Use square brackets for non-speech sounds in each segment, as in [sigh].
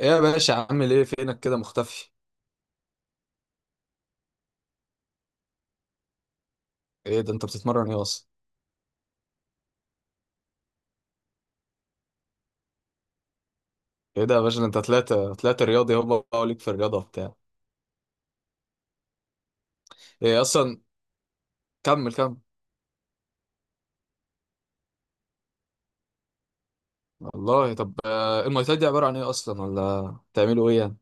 ايه يا باشا، عامل ايه؟ فينك كده مختفي؟ ايه ده، انت بتتمرن ايه اصلا؟ ايه ده يا باشا، ده انت طلعت رياضي، هو بقى ليك في الرياضه وبتاع. ايه اصلا؟ كمل كمل. والله طب، المواي تاي دي عباره عن ايه اصلا، ولا بتعملوا ايه يعني؟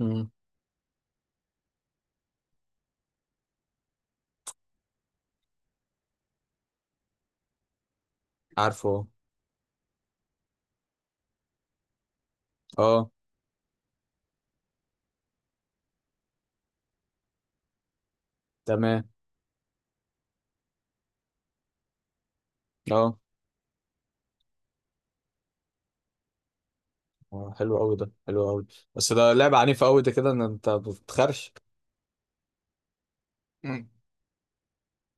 امم. عارفه. اه. تمام. اه، حلو قوي، ده حلو قوي. بس ده لعبه عنيفه قوي، ده كده ان انت بتخرش. مم.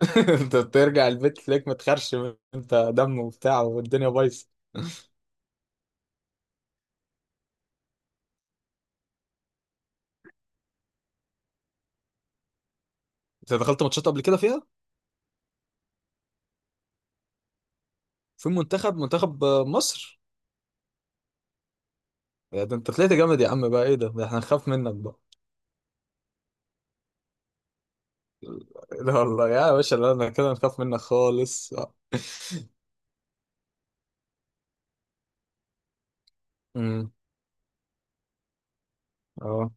[laughs] انت بترجع البيت تلاقيك متخرش، انت دم وبتاع والدنيا بايظه. انت دخلت ماتشات قبل كده فيها؟ في منتخب مصر. يا ده انت طلعت جامد يا عم، بقى ايه ده احنا هنخاف منك بقى. لا والله يا باشا، لا انا كده هنخاف منك خالص. امم. اه.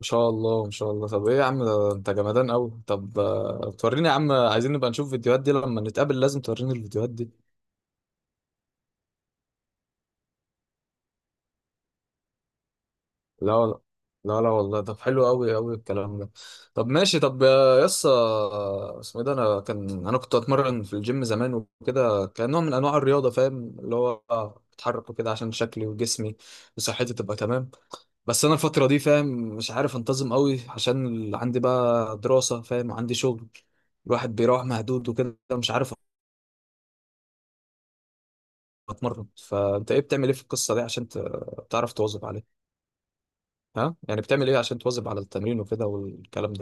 ان شاء الله ان شاء الله. طب ايه يا عم، ده انت جمدان قوي. طب توريني يا عم، عايزين نبقى نشوف فيديوهات دي لما نتقابل، لازم توريني الفيديوهات دي. لا وال- لا لا والله، طب حلو قوي قوي الكلام ده. طب ماشي، طب يا يسا. اسمه ايه ده؟ انا كنت اتمرن في الجيم زمان وكده، كان نوع من انواع الرياضه فاهم، اللي هو اتحرك وكده عشان شكلي وجسمي وصحتي تبقى تمام. بس انا الفتره دي فاهم، مش عارف انتظم قوي عشان عندي بقى دراسه فاهم، عندي شغل. الواحد بيروح مهدود وكده مش عارف اتمرن. فانت ايه بتعمل ايه في القصه دي عشان تعرف تواظب عليها؟ ها يعني بتعمل ايه عشان تواظب على التمرين وكده والكلام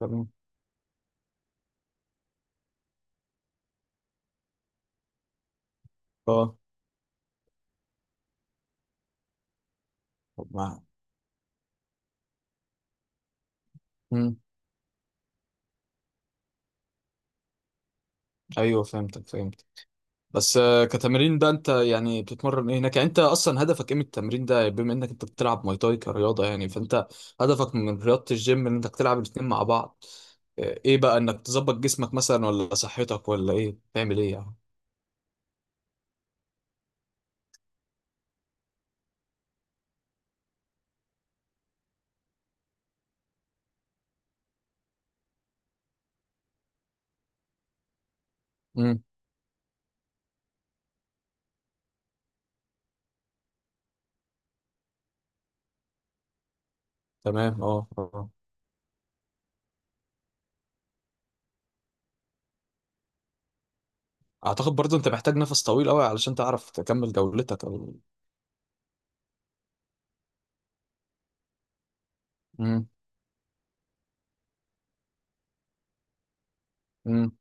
ده؟ اه. طب ما. مم. ايوه فهمتك فهمتك. بس كتمرين بقى، انت يعني بتتمرن ايه هناك؟ يعني انت اصلا هدفك ايه من التمرين ده؟ يعني بما انك انت بتلعب ماي تاي كرياضه، يعني فانت هدفك من رياضه الجيم ان انك تلعب الاتنين مع بعض؟ ايه بقى؟ انك تظبط جسمك مثلا، ولا صحتك، ولا ايه تعمل ايه يعني؟ امم. تمام اه آه. اعتقد برضو انت محتاج نفس طويل قوي علشان تعرف تكمل جولتك او. امم.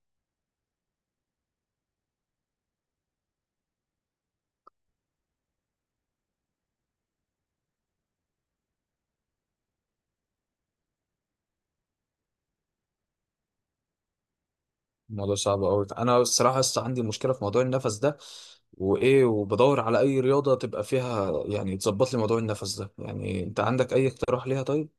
الموضوع صعب قوي، انا الصراحه لسه عندي مشكله في موضوع النفس ده، وايه وبدور على اي رياضه تبقى فيها يعني تظبط لي موضوع النفس ده. يعني انت عندك اي اقتراح ليها طيب؟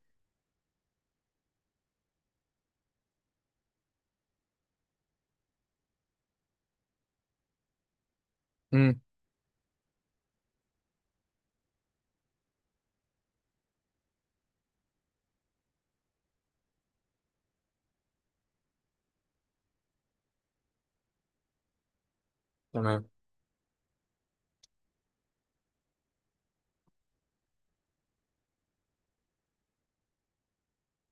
امم. تمام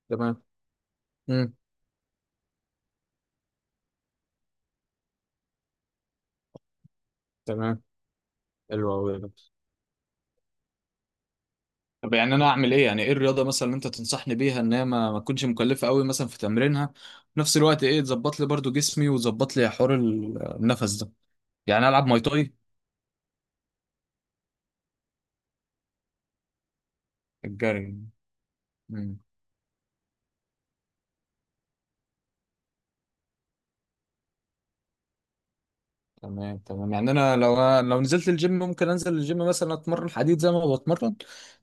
تمام. امم. تمام. حلو قوي. طب يعني انا اعمل ايه؟ يعني ايه الرياضه مثلا اللي انت تنصحني بيها ان هي ما تكونش مكلفه قوي مثلا في تمرينها، في نفس الوقت ايه تظبط لي برضو جسمي وتظبط لي حوار النفس ده؟ يعني العب ماي تاي؟ الجري. تمام تمام، يعني انا لو نزلت الجيم ممكن انزل الجيم مثلا اتمرن حديد زي ما بتمرن،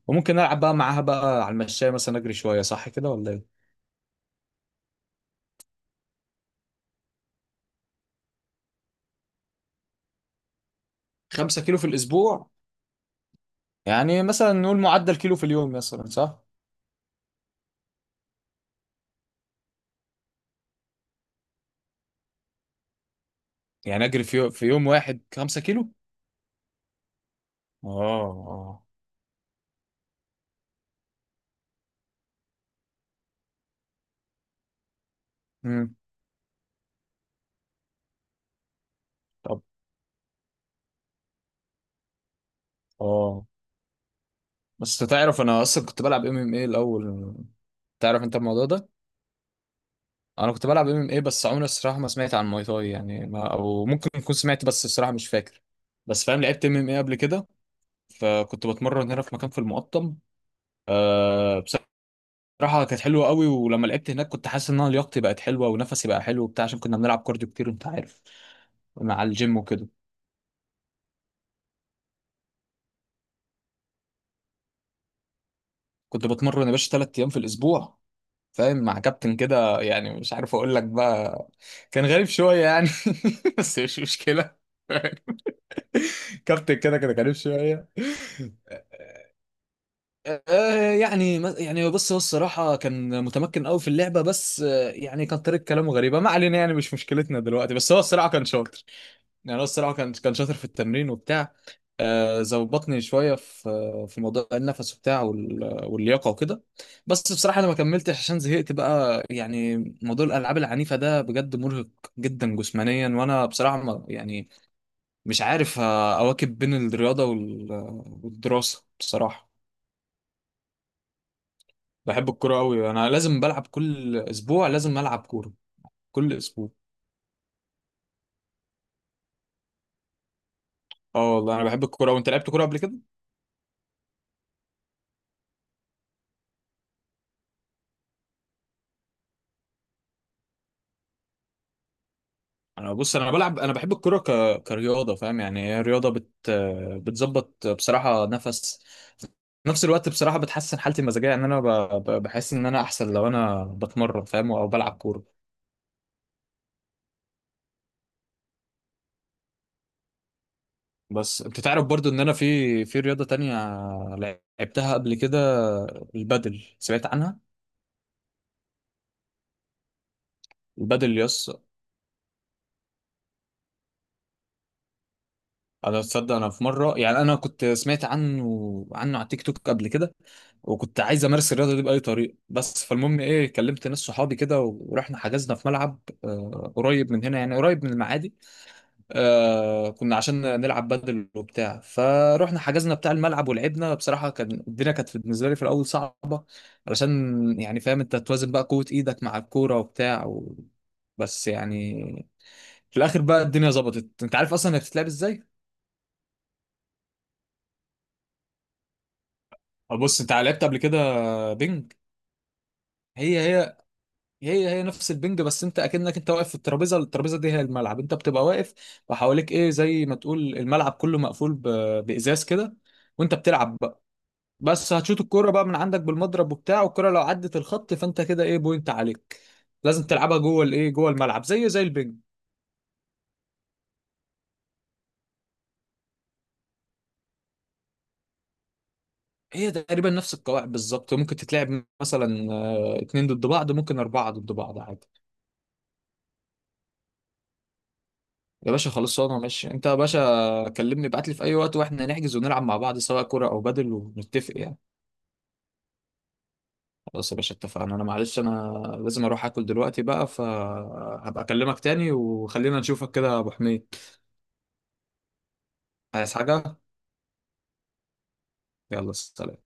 وممكن العب بقى معاها بقى على المشاية مثلا اجري شوية، صح كده ولا ايه؟ 5 كيلو في الاسبوع؟ يعني مثلا نقول معدل كيلو في اليوم مثلا، صح؟ يعني اجري في يوم واحد 5 كيلو؟ اه. اه. امم. طب. اه. بس تعرف انا اصلا كنت بلعب MMA الاول، تعرف انت الموضوع ده؟ انا كنت بلعب MMA، بس عمري الصراحه ما سمعت عن ماي تاي، يعني ما او ممكن اكون سمعت بس الصراحه مش فاكر. بس فاهم لعبت MMA قبل كده، فكنت بتمرن هنا في مكان في المقطم. أه. بصراحه كانت حلوه قوي، ولما لعبت هناك كنت حاسس ان انا لياقتي بقت حلوه ونفسي بقى حلو وبتاع، عشان كنا بنلعب كارديو كتير انت عارف، مع الجيم وكده. كنت بتمرن يا باشا 3 ايام في الاسبوع فاهم، مع كابتن كده يعني مش عارف اقول لك بقى، كان غريب شويه يعني. [laughs] بس مش مشكله. كابتن كده كده كريم شويه. يعني بص، هو الصراحه كان متمكن قوي في اللعبه، بس يعني كان طريقه كلامه غريبه، ما علينا يعني مش مشكلتنا دلوقتي، بس هو الصراحه كان شاطر. يعني هو الصراحه كان شاطر في التمرين وبتاع. ظبطني شويه في موضوع النفس وبتاع، واللياقه وكده. بس بصراحه انا ما كملتش عشان زهقت بقى يعني، موضوع الالعاب العنيفه ده بجد مرهق جدا جسمانيا، وانا بصراحه ما يعني مش عارف أواكب بين الرياضة والدراسة بصراحة. بحب الكورة أوي، أنا لازم بلعب كل أسبوع، لازم ألعب كورة كل أسبوع. اه والله أنا بحب الكورة، وأنت لعبت كورة قبل كده؟ أنا بص، أنا بلعب، أنا بحب الكورة كرياضة فاهم. يعني هي رياضة بتظبط بصراحة نفس، في نفس الوقت بصراحة بتحسن حالتي المزاجية، إن أنا بحس إن أنا أحسن لو أنا بتمرن فاهم، أو بلعب كورة. بس انت تعرف برضو ان انا في رياضة تانية لعبتها قبل كده، البادل سمعت عنها. البادل يس. انا تصدق، انا في مرة يعني انا كنت سمعت عنه على تيك توك قبل كده، وكنت عايز امارس الرياضة دي بأي طريقة. بس فالمهم ايه، كلمت ناس صحابي كده ورحنا حجزنا في ملعب قريب من هنا يعني قريب من المعادي. كنا عشان نلعب بدل وبتاع، فروحنا حجزنا بتاع الملعب ولعبنا، بصراحة كان الدنيا كانت بالنسبة لي في الأول صعبة، علشان يعني فاهم أنت توازن بقى قوة إيدك مع الكورة وبتاع بس يعني في الآخر بقى الدنيا ظبطت. أنت عارف أصلا هي بتتلعب إزاي؟ بص أنت لعبت قبل كده بينج؟ هي هي، هي هي نفس البنج. بس انت اكنك انت واقف في الترابيزه دي هي الملعب، انت بتبقى واقف وحواليك ايه زي ما تقول الملعب كله مقفول بازاز كده، وانت بتلعب. بس هتشوط الكوره بقى من عندك بالمضرب وبتاع، والكوره لو عدت الخط فانت كده ايه، بوينت عليك. لازم تلعبها جوه الايه، جوه الملعب زي زي البنج. هي تقريبا نفس القواعد بالظبط، ممكن تتلعب مثلا اتنين ضد بعض، ممكن اربعة ضد بعض عادي. يا باشا خلاص انا ماشي، انت يا باشا كلمني ابعت لي في اي وقت واحنا نحجز ونلعب مع بعض سواء كرة او بدل، ونتفق يعني. خلاص يا باشا اتفقنا، انا معلش انا لازم اروح اكل دلوقتي بقى، فهبقى اكلمك تاني وخلينا نشوفك كده يا ابو حميد. عايز حاجة؟ يلا سلام.